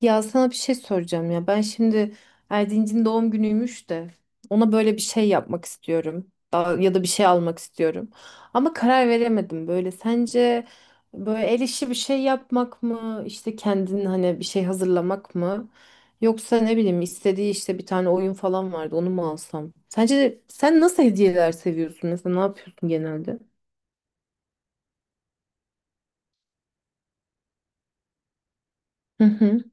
Ya sana bir şey soracağım ya. Ben şimdi Erdinc'in doğum günüymüş de ona böyle bir şey yapmak istiyorum. Ya da bir şey almak istiyorum. Ama karar veremedim böyle. Sence böyle el işi bir şey yapmak mı? İşte kendin hani bir şey hazırlamak mı? Yoksa ne bileyim istediği işte bir tane oyun falan vardı onu mu alsam? Sence sen nasıl hediyeler seviyorsun? Mesela ne yapıyorsun genelde? Hı hı,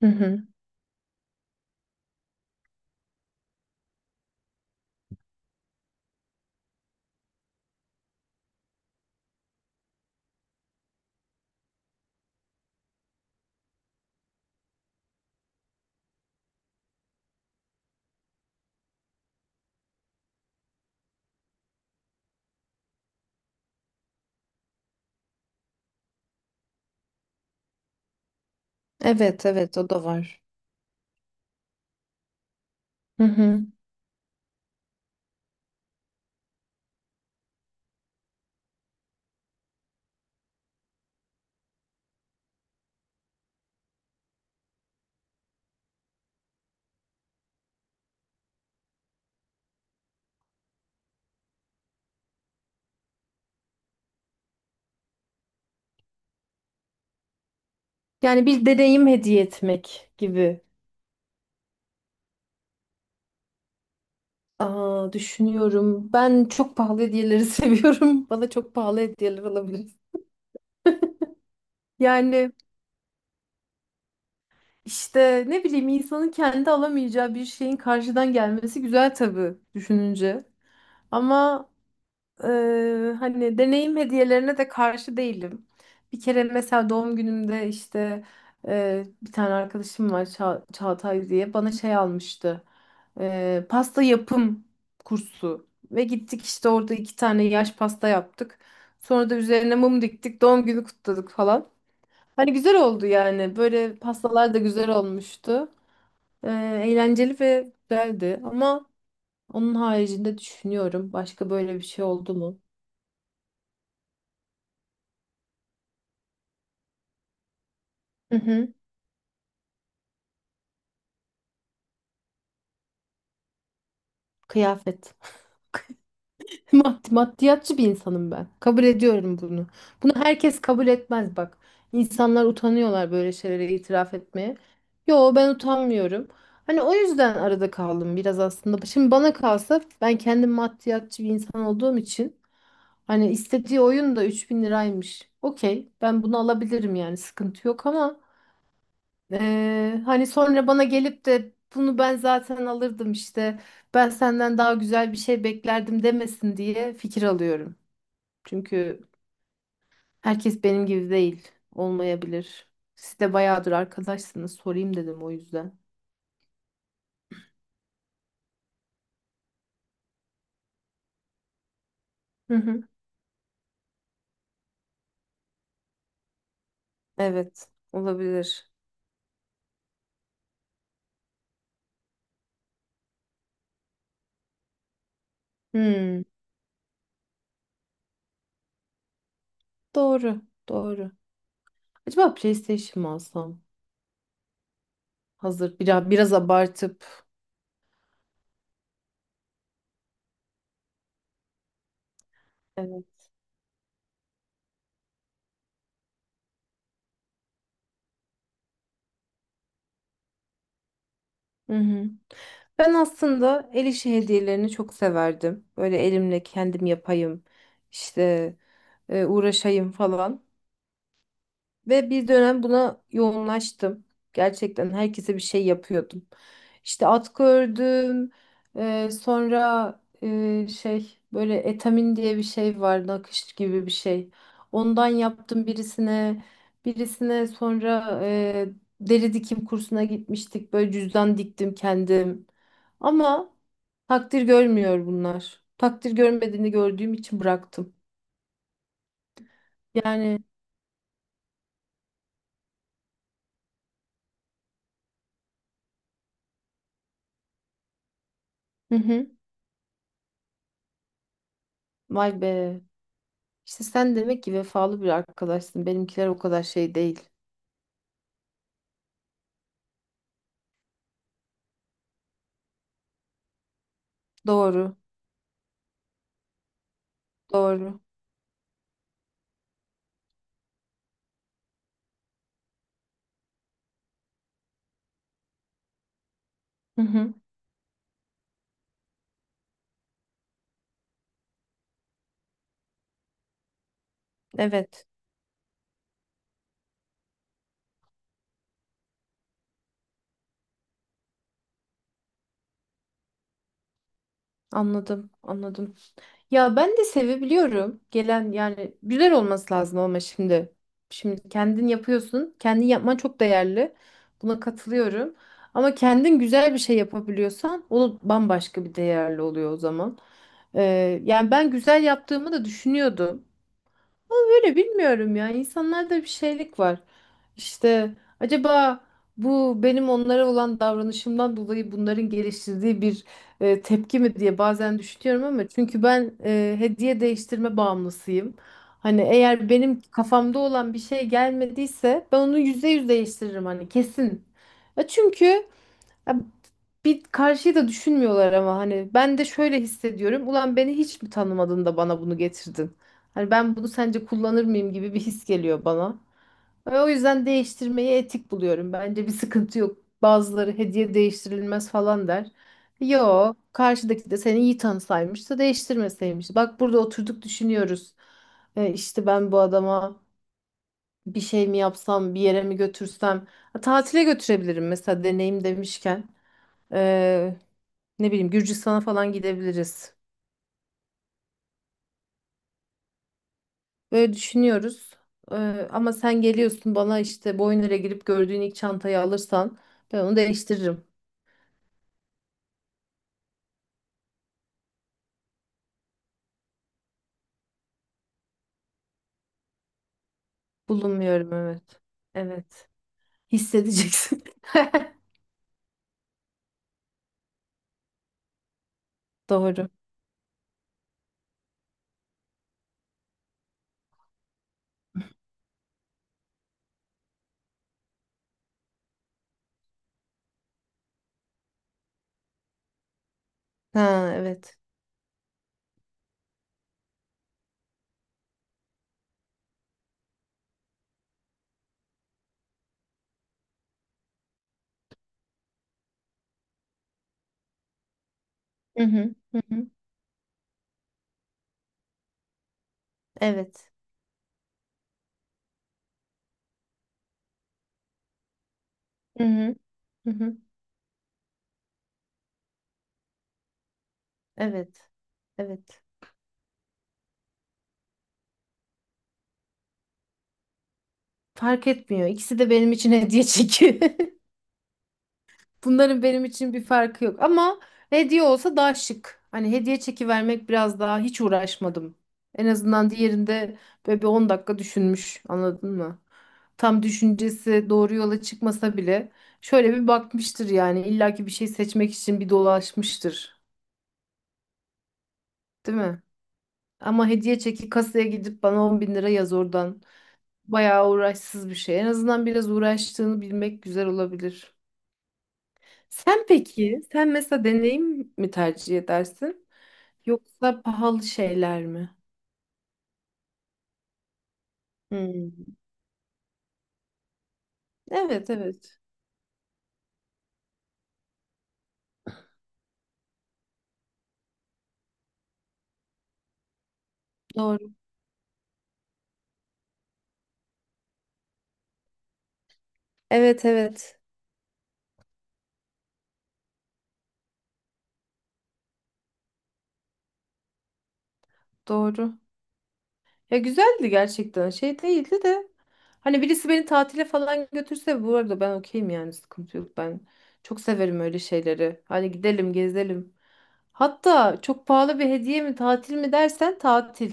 hı hı. Evet evet, o da var. Hı hı. Yani bir deneyim hediye etmek gibi. Aa, düşünüyorum. Ben çok pahalı hediyeleri seviyorum. Bana çok pahalı hediyeler alabilir. Yani işte ne bileyim, insanın kendi alamayacağı bir şeyin karşıdan gelmesi güzel tabii düşününce. Ama hani deneyim hediyelerine de karşı değilim. Bir kere mesela doğum günümde işte bir tane arkadaşım var, Çağatay diye, bana şey almıştı. Pasta yapım kursu ve gittik işte orada iki tane yaş pasta yaptık. Sonra da üzerine mum diktik, doğum günü kutladık falan. Hani güzel oldu yani. Böyle pastalar da güzel olmuştu. Eee, Eğlenceli ve güzeldi ama onun haricinde düşünüyorum, başka böyle bir şey oldu mu? Hı hı. Kıyafet. Maddiyatçı bir insanım ben. Kabul ediyorum bunu. Bunu herkes kabul etmez bak. İnsanlar utanıyorlar böyle şeylere itiraf etmeye. Yo, ben utanmıyorum. Hani o yüzden arada kaldım biraz aslında. Şimdi bana kalsa, ben kendim maddiyatçı bir insan olduğum için, hani istediği oyun da 3 bin liraymış. Okey, ben bunu alabilirim yani, sıkıntı yok, ama hani sonra bana gelip de, bunu ben zaten alırdım işte, ben senden daha güzel bir şey beklerdim demesin diye fikir alıyorum. Çünkü herkes benim gibi değil, olmayabilir. Siz de bayağıdır arkadaşsınız, sorayım dedim o yüzden. Hı hı. Evet, olabilir. Hmm, doğru, doğru. Acaba PlayStation mı alsam? Hazır biraz, biraz abartıp. Hı hı. Ben aslında el işi hediyelerini çok severdim. Böyle elimle kendim yapayım, işte uğraşayım falan. Ve bir dönem buna yoğunlaştım. Gerçekten herkese bir şey yapıyordum. İşte atkı ördüm. Sonra şey, böyle etamin diye bir şey var. Nakış gibi bir şey. Ondan yaptım birisine. Birisine sonra deri dikim kursuna gitmiştik. Böyle cüzdan diktim kendim. Ama takdir görmüyor bunlar. Takdir görmediğini gördüğüm için bıraktım. Yani, hı hı. Vay be. İşte sen demek ki vefalı bir arkadaşsın. Benimkiler o kadar şey değil. Doğru, doğru. Hı hı. Evet, anladım, anladım. Ya ben de sevebiliyorum. Gelen yani güzel olması lazım ama şimdi. Şimdi kendin yapıyorsun. Kendin yapman çok değerli. Buna katılıyorum. Ama kendin güzel bir şey yapabiliyorsan, o bambaşka bir değerli oluyor o zaman. Ee, Yani ben güzel yaptığımı da düşünüyordum. Böyle bilmiyorum ya. İnsanlarda bir şeylik var. İşte acaba bu benim onlara olan davranışımdan dolayı bunların geliştirdiği bir tepki mi diye bazen düşünüyorum, ama çünkü ben hediye değiştirme bağımlısıyım. Hani eğer benim kafamda olan bir şey gelmediyse, ben onu %100 değiştiririm, hani kesin. Ya çünkü, ya bir karşıyı da düşünmüyorlar, ama hani ben de şöyle hissediyorum. Ulan, beni hiç mi tanımadın da bana bunu getirdin? Hani ben bunu sence kullanır mıyım gibi bir his geliyor bana. Ve o yüzden değiştirmeyi etik buluyorum. Bence bir sıkıntı yok. Bazıları hediye değiştirilmez falan der. Yo, karşıdaki de seni iyi tanısaymış da değiştirmeseymiş. Bak, burada oturduk, düşünüyoruz. İşte ben bu adama bir şey mi yapsam, bir yere mi götürsem. Ha, tatile götürebilirim mesela, deneyim demişken. Ne bileyim, Gürcistan'a falan gidebiliriz. Böyle düşünüyoruz. Ee, Ama sen geliyorsun bana işte, Boyner'e girip gördüğün ilk çantayı alırsan ben onu değiştiririm. Bulunmuyorum, evet. Evet. Hissedeceksin. Doğru. Ha, evet. Hı hı. Hı hı. Evet. Hı hı. Hı hı. Evet. Evet. Fark etmiyor. İkisi de benim için hediye çünkü. Bunların benim için bir farkı yok, ama hediye olsa daha şık. Hani hediye çeki vermek biraz daha, hiç uğraşmadım. En azından diğerinde böyle bir 10 dakika düşünmüş. Anladın mı? Tam düşüncesi doğru yola çıkmasa bile, şöyle bir bakmıştır yani, illaki bir şey seçmek için bir dolaşmıştır. Değil mi? Ama hediye çeki, kasaya gidip bana 10 bin lira yaz oradan. Bayağı uğraşsız bir şey. En azından biraz uğraştığını bilmek güzel olabilir. Sen peki, sen mesela deneyim mi tercih edersin? Yoksa pahalı şeyler mi? Hmm. Evet, evet. Doğru. Evet, evet. Doğru. Ya güzeldi gerçekten. Şey değildi de. Hani birisi beni tatile falan götürse bu arada, ben okeyim yani, sıkıntı yok. Ben çok severim öyle şeyleri. Hani gidelim, gezelim. Hatta çok pahalı bir hediye mi, tatil mi dersen, tatil.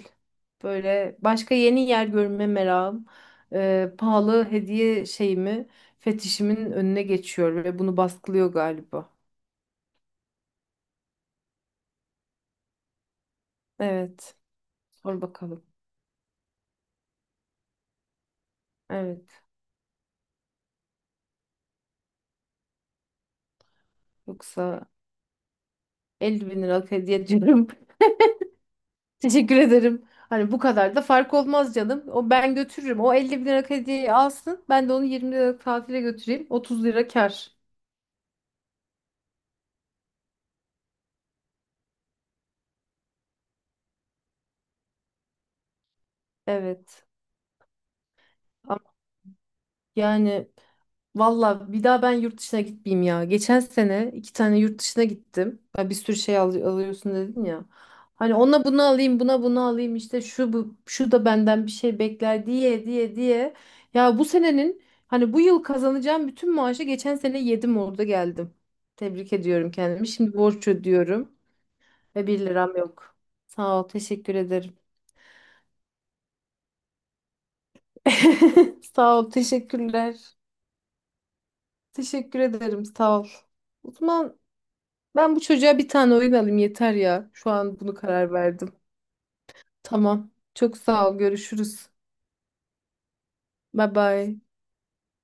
Böyle başka yeni yer görme merakım pahalı hediye şeyimi, fetişimin önüne geçiyor ve bunu baskılıyor galiba. Evet. Sor bakalım. Evet. Yoksa 50 bin liralık hediye ediyorum. Teşekkür ederim. Hani bu kadar da fark olmaz canım. O, ben götürürüm. O 50 bin liralık hediyeyi alsın. Ben de onu 20 liralık tatile götüreyim. 30 lira kar. Evet. Ama yani, valla bir daha ben yurt dışına gitmeyeyim ya. Geçen sene iki tane yurt dışına gittim. Ya bir sürü şey alıyorsun dedin ya. Hani ona bunu alayım, buna bunu alayım, işte şu bu, şu da benden bir şey bekler diye diye diye. Ya bu senenin, hani bu yıl kazanacağım bütün maaşı geçen sene yedim orada geldim. Tebrik ediyorum kendimi. Şimdi borç ödüyorum ve bir liram yok. Sağ ol, teşekkür ederim. Sağ ol, teşekkürler. Teşekkür ederim, sağ ol. Osman. Ben bu çocuğa bir tane oyun alayım yeter ya. Şu an bunu karar verdim. Tamam. Çok sağ ol. Görüşürüz. Bye bye.